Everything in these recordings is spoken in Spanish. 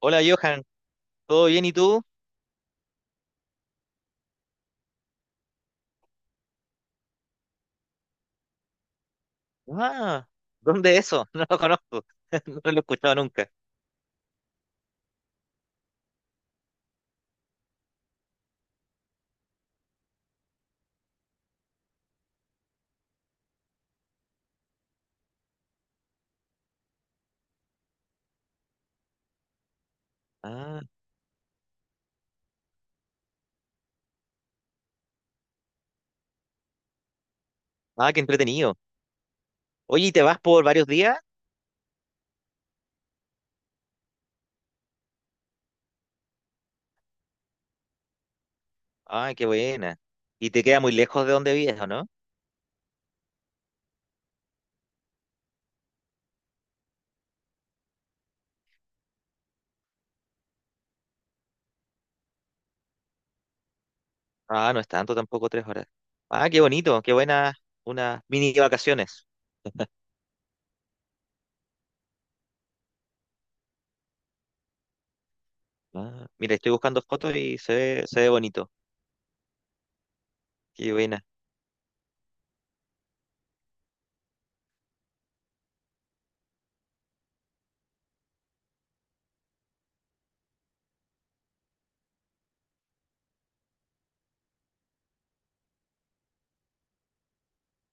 Hola Johan, ¿todo bien y tú? Ah, ¿dónde es eso? No lo conozco, no lo he escuchado nunca. Ah, ah, qué entretenido. Oye, ¿y te vas por varios días? Ah, qué buena. ¿Y te queda muy lejos de donde vives, o no? Ah, no es tanto tampoco, 3 horas. Ah, qué bonito, qué buena, unas mini vacaciones. Ah, mira, estoy buscando fotos y se ve bonito. Qué buena,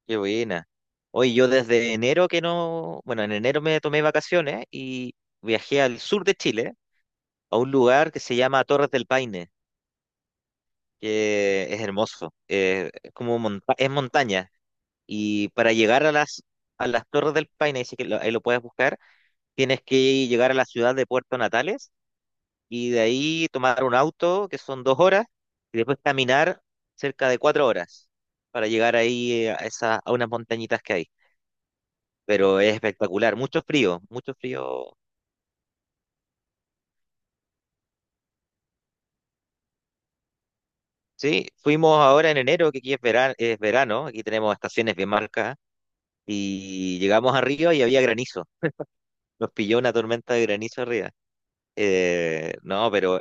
qué buena. Hoy yo desde enero que no, bueno, en enero me tomé vacaciones y viajé al sur de Chile, a un lugar que se llama Torres del Paine, que es hermoso. Es como es montaña. Y para llegar a las Torres del Paine, dice que ahí lo puedes buscar, tienes que llegar a la ciudad de Puerto Natales y de ahí tomar un auto, que son 2 horas, y después caminar cerca de 4 horas para llegar ahí, a, a unas montañitas que hay. Pero es espectacular, mucho frío, mucho frío. Sí, fuimos ahora en enero, que aquí es verano, es verano. Aquí tenemos estaciones bien marcadas, y llegamos arriba y había granizo. Nos pilló una tormenta de granizo arriba. No, pero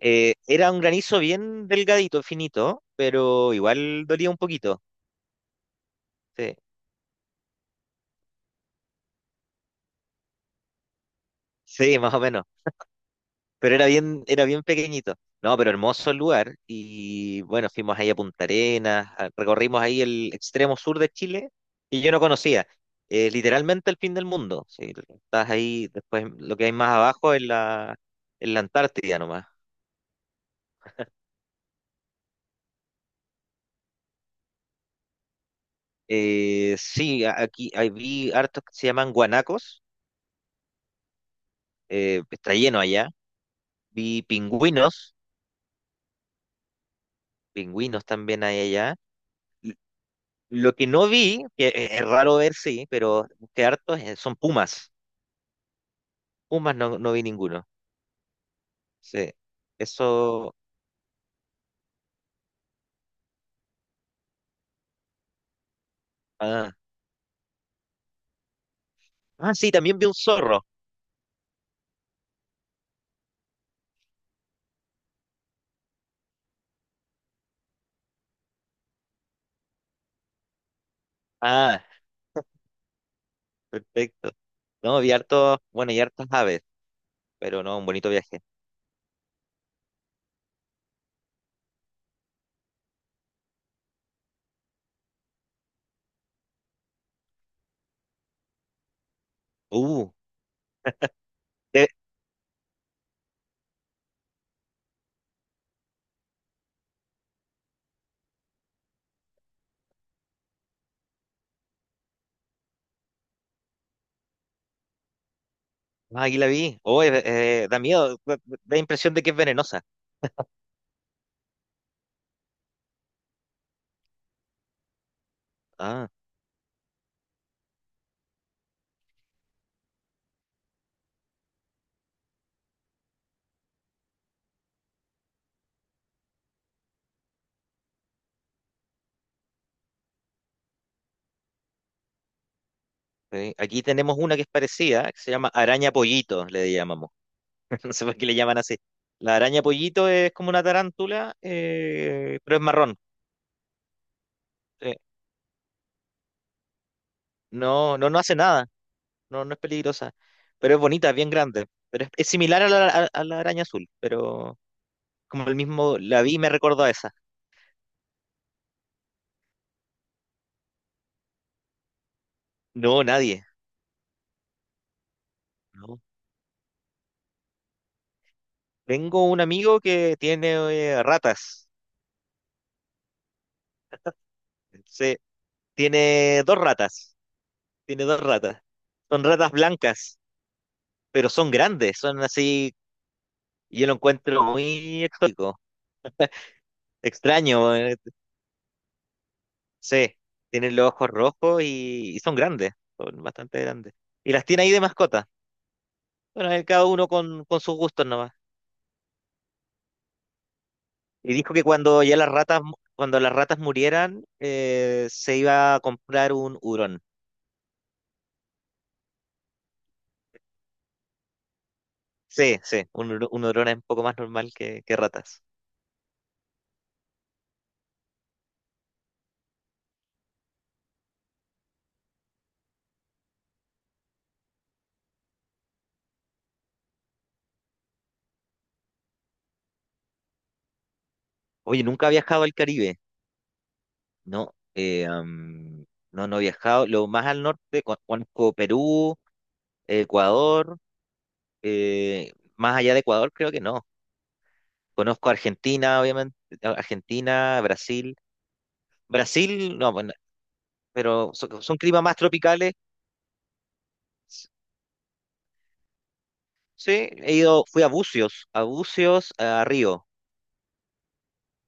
era un granizo bien delgadito, finito, pero igual dolía un poquito. Sí, sí, más o menos. Pero era bien pequeñito. No, pero hermoso el lugar. Y bueno, fuimos ahí a Punta Arenas, recorrimos ahí el extremo sur de Chile y yo no conocía. Literalmente el fin del mundo. Sí, estás ahí, después lo que hay más abajo es la Antártida nomás. Sí, aquí ahí vi hartos que se llaman guanacos. Está lleno allá. Vi pingüinos, pingüinos también hay allá. L- Lo que no vi, que es raro ver, sí, pero que hartos, son pumas. Pumas no, no vi ninguno. Sí, eso. Ah. Ah, sí, también vi un zorro. Ah, perfecto. No, vi hartos, bueno, y hartas aves, pero no, un bonito viaje. Uh, eh, ah, aquí la vi. Oh, da miedo, da impresión de que es venenosa. Ah. ¿Sí? Aquí tenemos una que es parecida, que se llama araña pollito, le llamamos. No sé por qué le llaman así. La araña pollito es como una tarántula, pero es marrón. Sí. No, no, no hace nada, no, no es peligrosa, pero es bonita, es bien grande. Pero es similar a la, a la araña azul, pero como el mismo, la vi y me recordó a esa. No, nadie. No. Tengo un amigo que tiene, ratas. Se, Tiene dos ratas. Tiene dos ratas. Son ratas blancas, pero son grandes, son así. Y yo lo encuentro muy exótico, extraño. Sí, tienen los ojos rojos y son grandes, son bastante grandes. Y las tiene ahí de mascota. Bueno, cada uno con, sus gustos nomás. Y dijo que cuando ya las ratas, cuando las ratas murieran, se iba a comprar un hurón. Sí, sí, un hurón es un poco más normal que ratas. Oye, nunca ha viajado al Caribe. No, no, no he viajado. Lo más al norte, conozco Perú, Ecuador. eh, Más allá de Ecuador, creo que no. Conozco Argentina, obviamente, Argentina, Brasil. Brasil, no, bueno, pero son climas más tropicales. S- Sí, he ido, fui a Bucios, a Río.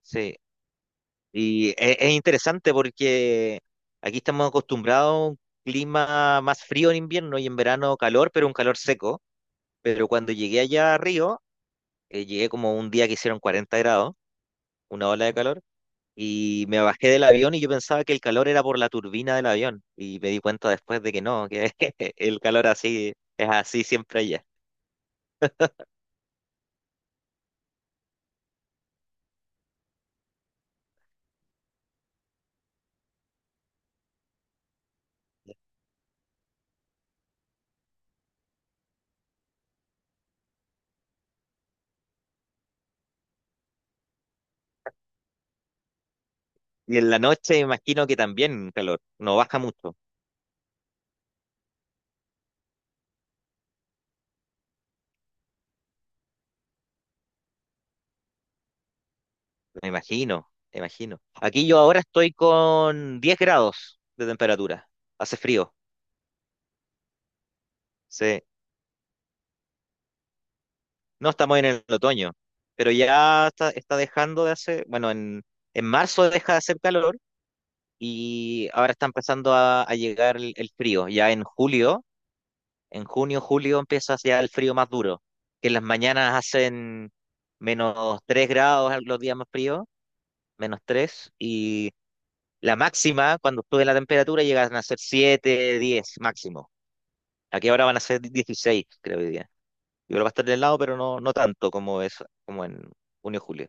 Sí, y es, interesante porque aquí estamos acostumbrados a un clima más frío en invierno y en verano calor, pero un calor seco. Pero cuando llegué allá a Río, llegué como un día que hicieron 40 grados, una ola de calor. Y me bajé del avión y yo pensaba que el calor era por la turbina del avión. Y me di cuenta después de que no, que el calor así es así siempre allá. Y en la noche imagino que también calor, no baja mucho, me imagino, me imagino. Aquí yo ahora estoy con 10 grados de temperatura, hace frío, sí. No estamos en el otoño, pero ya está dejando de hacer, bueno, en marzo deja de hacer calor y ahora está empezando a llegar el frío. Ya en julio. En junio, julio empieza ya el frío más duro, que en las mañanas hacen -3 grados los días más fríos, -3, y la máxima, cuando sube la temperatura, llegan a ser 7 10 máximo. Aquí ahora van a ser 16, creo, hoy día. Igual va a estar de helado, pero no, no tanto como es, como en junio, julio.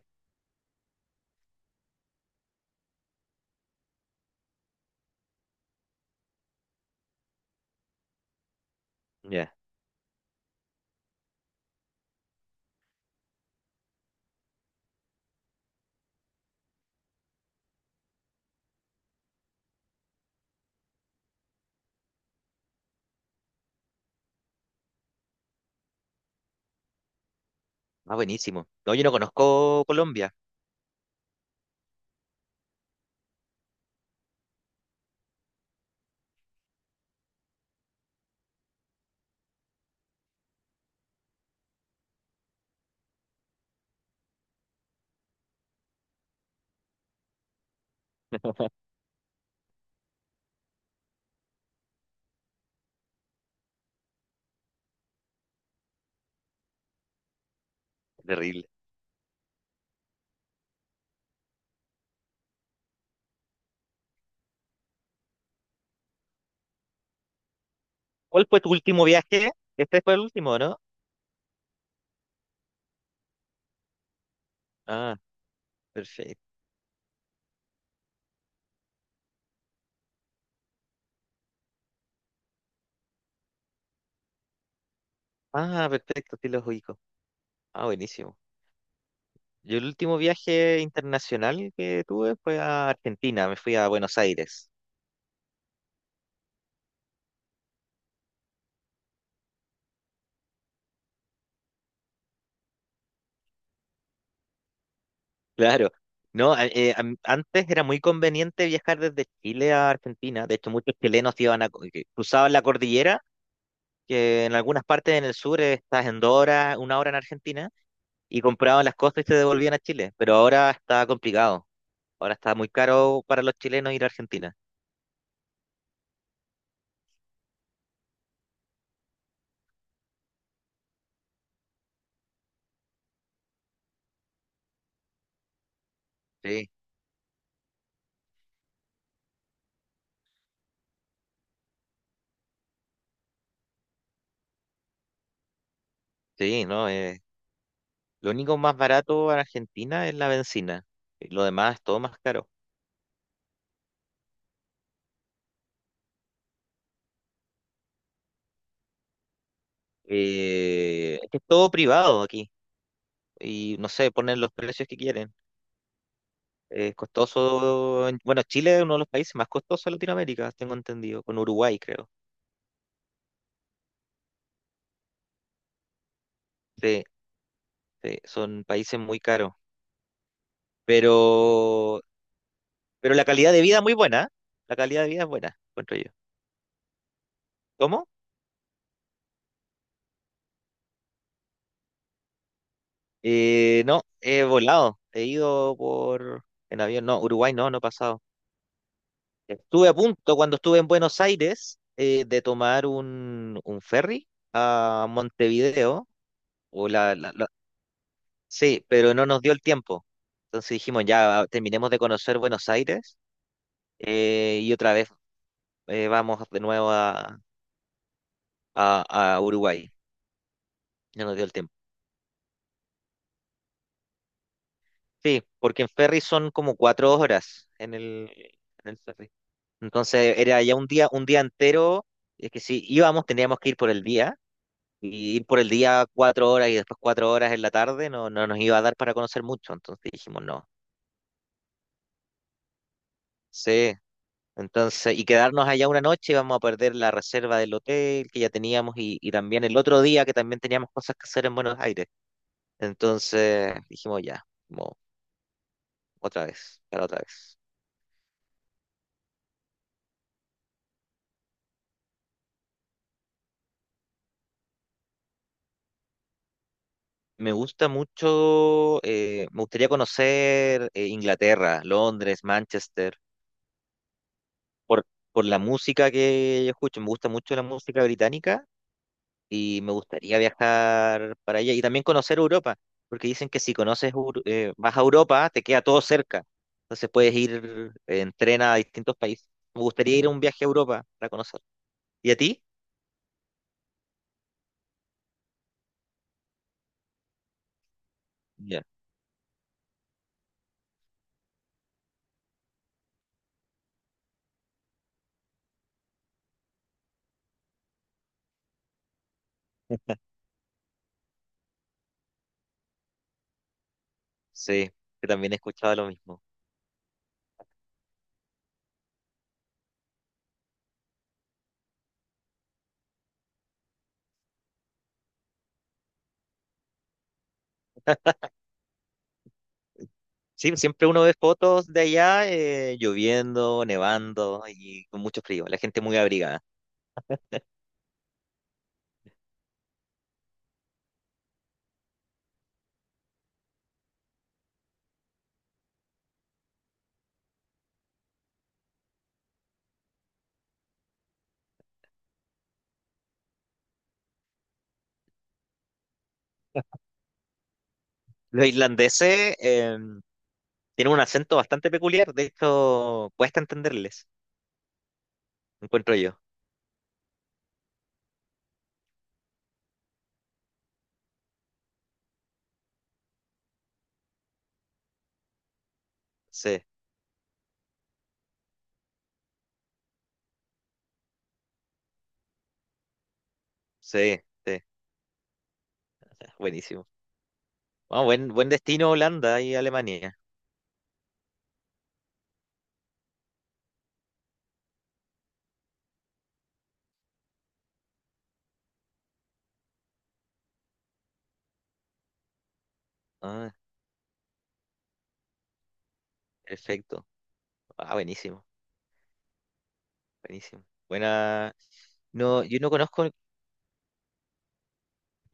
Ya. Ah, buenísimo. No, yo no conozco Colombia. Terrible. ¿Cuál fue tu último viaje? Este fue el último, ¿no? Ah, perfecto. Ah, perfecto, sí los ubico. Ah, buenísimo. Yo el último viaje internacional que tuve fue a Argentina, me fui a Buenos Aires. Claro. No, antes era muy conveniente viajar desde Chile a Argentina. De hecho, muchos chilenos iban que cruzaban la cordillera, que en algunas partes en el sur, estás en 2 horas, 1 hora en Argentina, y compraban las cosas y se devolvían a Chile. Pero ahora está complicado. Ahora está muy caro para los chilenos ir a Argentina. Sí, sí, no. Lo único más barato en Argentina es la bencina. Lo demás es todo más caro. Es que es todo privado aquí y no sé, ponen los precios que quieren. Es costoso. Bueno, Chile es uno de los países más costosos de Latinoamérica, tengo entendido, con Uruguay, creo. Sí, sí, son países muy caros. Pero, pero la calidad de vida es muy buena. ¿Eh? La calidad de vida es buena, encuentro yo. ¿Cómo? No, he volado. He ido por en avión. No, Uruguay no, no he pasado. Estuve a punto cuando estuve en Buenos Aires, de tomar un, ferry a Montevideo. O la- la- Sí, pero no nos dio el tiempo. Entonces dijimos, ya ah, terminemos de conocer Buenos Aires, y otra vez, vamos de nuevo a, a Uruguay. No nos dio el tiempo. Sí, porque en ferry son como 4 horas en el ferry. Entonces era ya un día entero. Es que si íbamos, teníamos que ir por el día. Y ir por el día 4 horas y después 4 horas en la tarde no, no nos iba a dar para conocer mucho. Entonces dijimos, no. Sí. Entonces, y quedarnos allá una noche, íbamos a perder la reserva del hotel que ya teníamos, y también el otro día que también teníamos cosas que hacer en Buenos Aires. Entonces dijimos ya, como otra vez, para otra vez. Me gusta mucho, me gustaría conocer, Inglaterra, Londres, Manchester, por, por la música que yo escucho. Me gusta mucho la música británica y me gustaría viajar para allá y también conocer Europa, porque dicen que si conoces, vas a Europa, te queda todo cerca. Entonces puedes ir en tren a distintos países. Me gustaría ir a un viaje a Europa para conocer. ¿Y a ti? Ya. Sí, que también he escuchado lo mismo. Sí, siempre uno ve fotos de allá, lloviendo, nevando y con mucho frío. La gente muy abrigada. Los irlandeses, tienen un acento bastante peculiar, de hecho, cuesta entenderles, encuentro yo. Sí, sí, sí. Ah, buenísimo. Ah, buen destino Holanda y Alemania. Ah, perfecto. Ah, buenísimo, buenísimo. Buena. No, yo no conozco,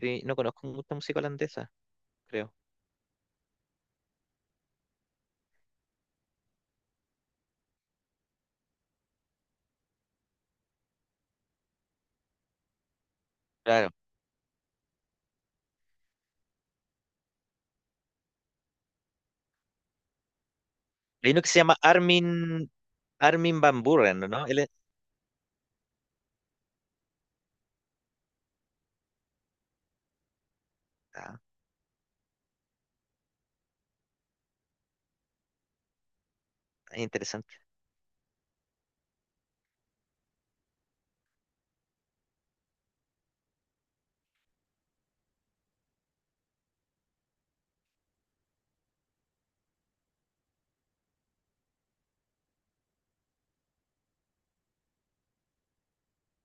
eh, no conozco mucha música holandesa, creo. Claro. Hay uno que se llama Armin van Buuren, ¿no? Él es, ah, es interesante.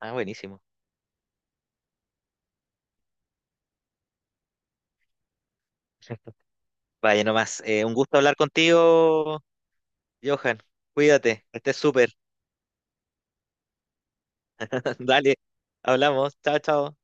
Ah, buenísimo. Vaya nomás. Un gusto hablar contigo, Johan. Cuídate, que estés súper. Dale, hablamos. Chao, chao.